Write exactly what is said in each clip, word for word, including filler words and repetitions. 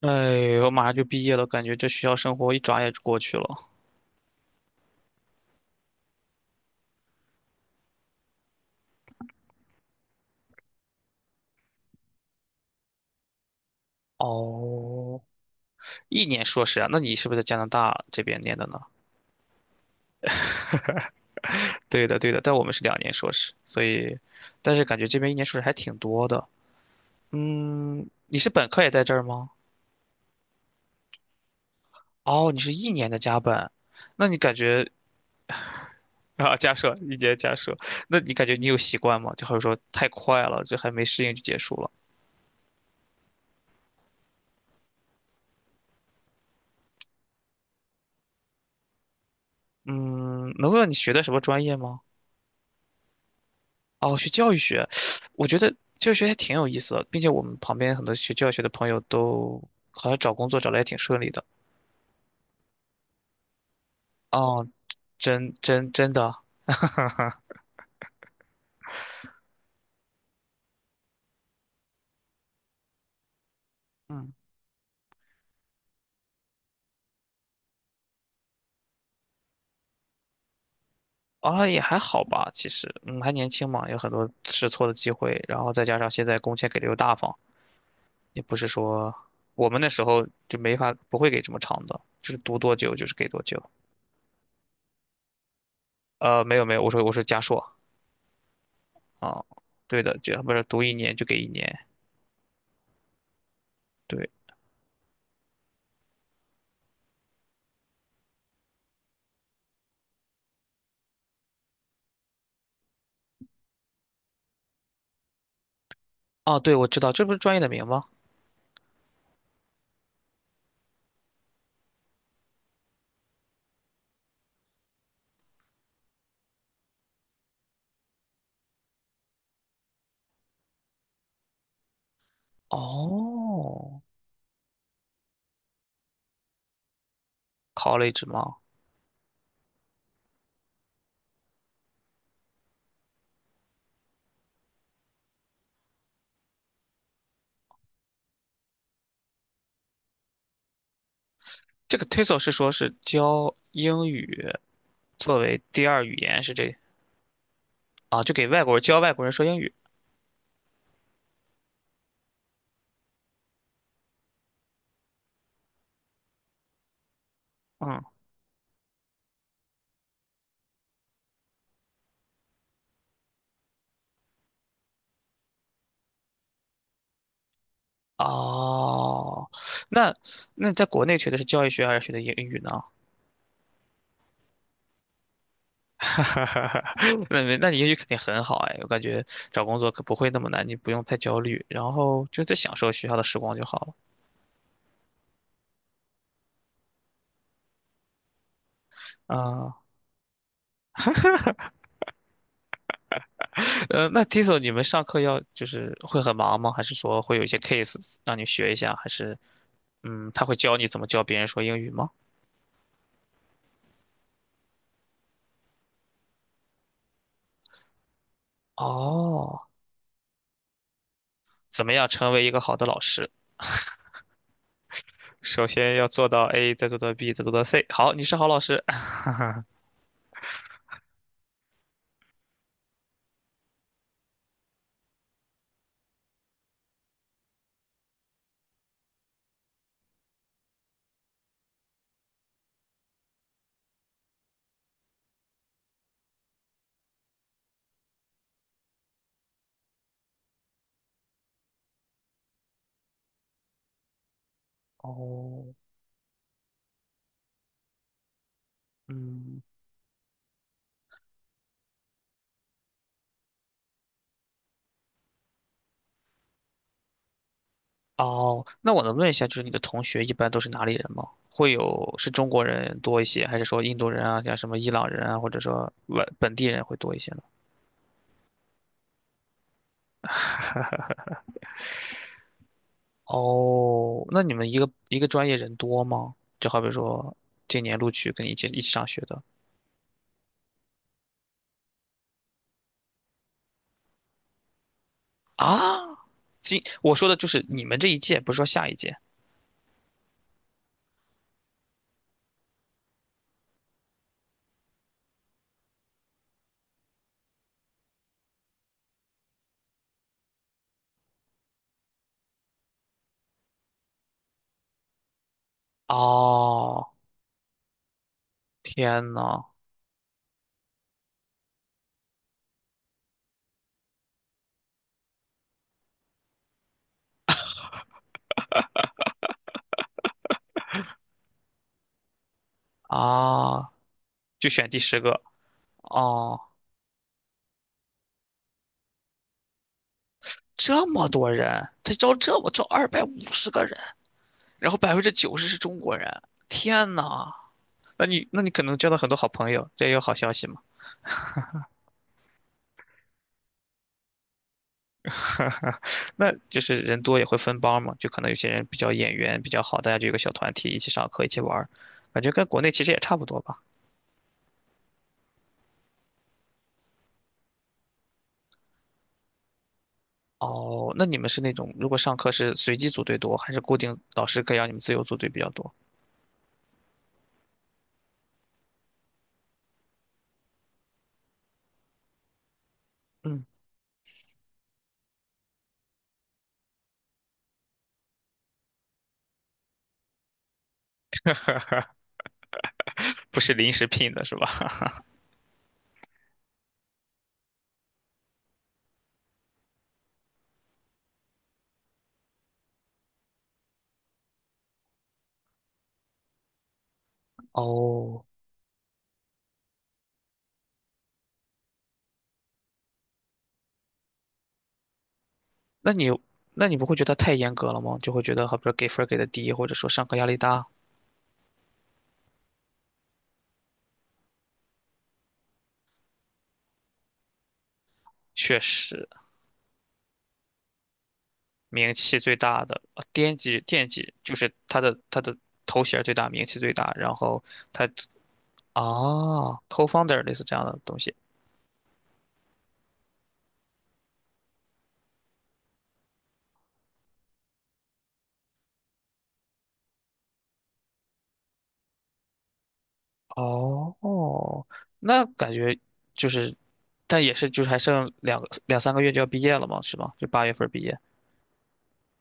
哎，我马上就毕业了，感觉这学校生活一转眼就过去了。哦，一年硕士啊？那你是不是在加拿大这边念的呢？对的，对的，但我们是两年硕士，所以，但是感觉这边一年硕士还挺多的。嗯，你是本科也在这儿吗？哦，你是一年的加本，那你感觉啊，加设一年加设，那你感觉你有习惯吗？就好比说太快了，这还没适应就结束了。嗯，能问问你学的什么专业吗？哦，学教育学，我觉得教育学还挺有意思的，并且我们旁边很多学教育学的朋友都好像找工作找的也挺顺利的。哦，真真真的，嗯，啊也还好吧，其实，嗯，还年轻嘛，有很多试错的机会，然后再加上现在工钱给的又大方，也不是说我们那时候就没法不会给这么长的，就是读多久就是给多久。呃，没有没有，我说我说加硕啊，对的，就不是读一年就给一年，对，哦对，我知道，这不是专业的名吗？哦，college 吗？这个 TESOL 是说是教英语作为第二语言，是这啊？就给外国人教外国人说英语。嗯，哦，那那你在国内学的是教育学还是学的英语呢？那没那你英语肯定很好哎，我感觉找工作可不会那么难，你不用太焦虑，然后就在享受学校的时光就好了。啊、呃，那 Tiso 你们上课要就是会很忙吗？还是说会有一些 case 让你学一下？还是嗯，他会教你怎么教别人说英语吗？哦，怎么样成为一个好的老师？首先要做到 A，再做到 B，再做到 C。好，你是好老师。哦，嗯，哦，那我能问一下，就是你的同学一般都是哪里人吗？会有是中国人多一些，还是说印度人啊，像什么伊朗人啊，或者说本本地人会多一些呢？哦，那你们一个一个专业人多吗？就好比说今年录取跟你一起一起上学的啊，今我说的就是你们这一届，不是说下一届。哦，天呐，啊，就选第十个哦，这么多人，他招这么招二百五十个人，然后百分之九十是中国人，天呐，那你那你可能交到很多好朋友，这也有好消息嘛。哈哈，那就是人多也会分帮嘛，就可能有些人比较眼缘比较好，大家就有个小团体一起上课一起玩儿，感觉跟国内其实也差不多吧。哦，那你们是那种如果上课是随机组队多，还是固定老师可以让你们自由组队比较多？嗯，不是临时聘的是吧？哦，那你那你不会觉得太严格了吗？就会觉得好比说给分儿给的低，或者说上课压力大。确实，名气最大的呃惦记惦记就是他的他的头衔儿最大，名气最大，然后他哦 c o f o u n d e r 类似这样的东西。哦，那感觉就是，但也是就是还剩两个两三个月就要毕业了嘛，是吗？就八月份毕业。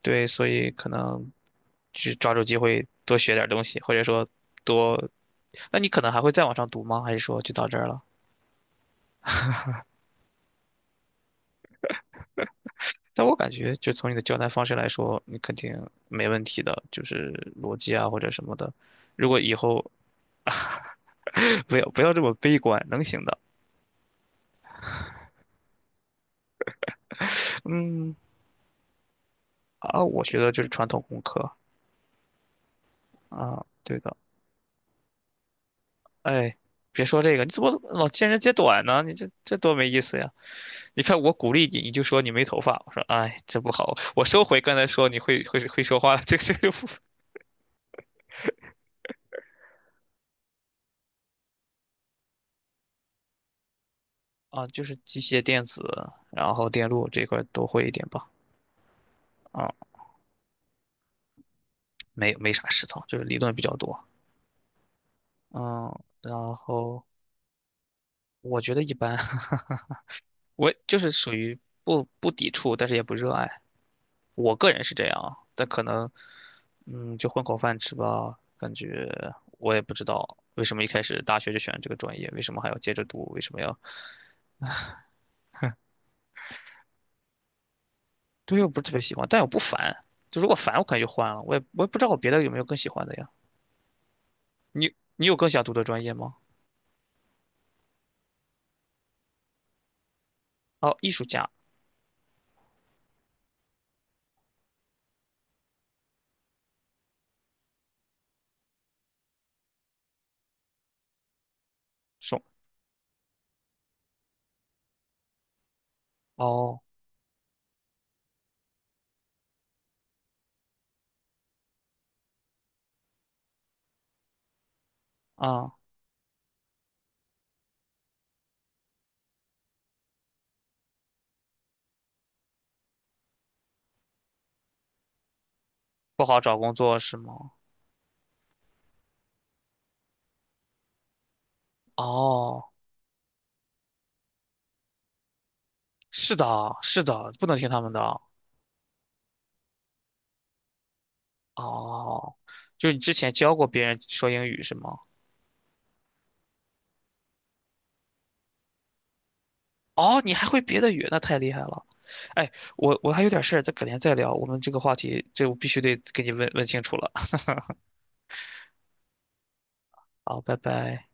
对，所以可能去抓住机会多学点东西，或者说多，那你可能还会再往上读吗？还是说就到这儿了？但我感觉，就从你的交谈方式来说，你肯定没问题的，就是逻辑啊或者什么的。如果以后 不要不要这么悲观，能行的。嗯。啊，我学的就是传统工科啊，对的。哎，别说这个，你怎么老见人揭短呢？你这这多没意思呀！你看我鼓励你，你就说你没头发，我说哎，这不好，我收回刚才说你会会会说话，这个这个不啊，就是机械电子，然后电路这块儿都会一点吧。啊，没没啥实操，就是理论比较多。嗯，然后我觉得一般，我就是属于不不抵触，但是也不热爱。我个人是这样啊，但可能，嗯，就混口饭吃吧。感觉我也不知道为什么一开始大学就选了这个专业，为什么还要接着读，为什么要？对，我不是特别喜欢，但我不烦。就如果烦，我可能就换了。我也我也不知道我别的有没有更喜欢的呀。你你有更想读的专业吗？哦，艺术家，说哦啊，不好找工作是吗？哦，是的，是的，不能听他们的。哦，就是你之前教过别人说英语是吗？哦，你还会别的语，那太厉害了。哎，我我还有点事儿，咱改天再聊。我们这个话题，这我必须得给你问问清楚了。好，拜拜。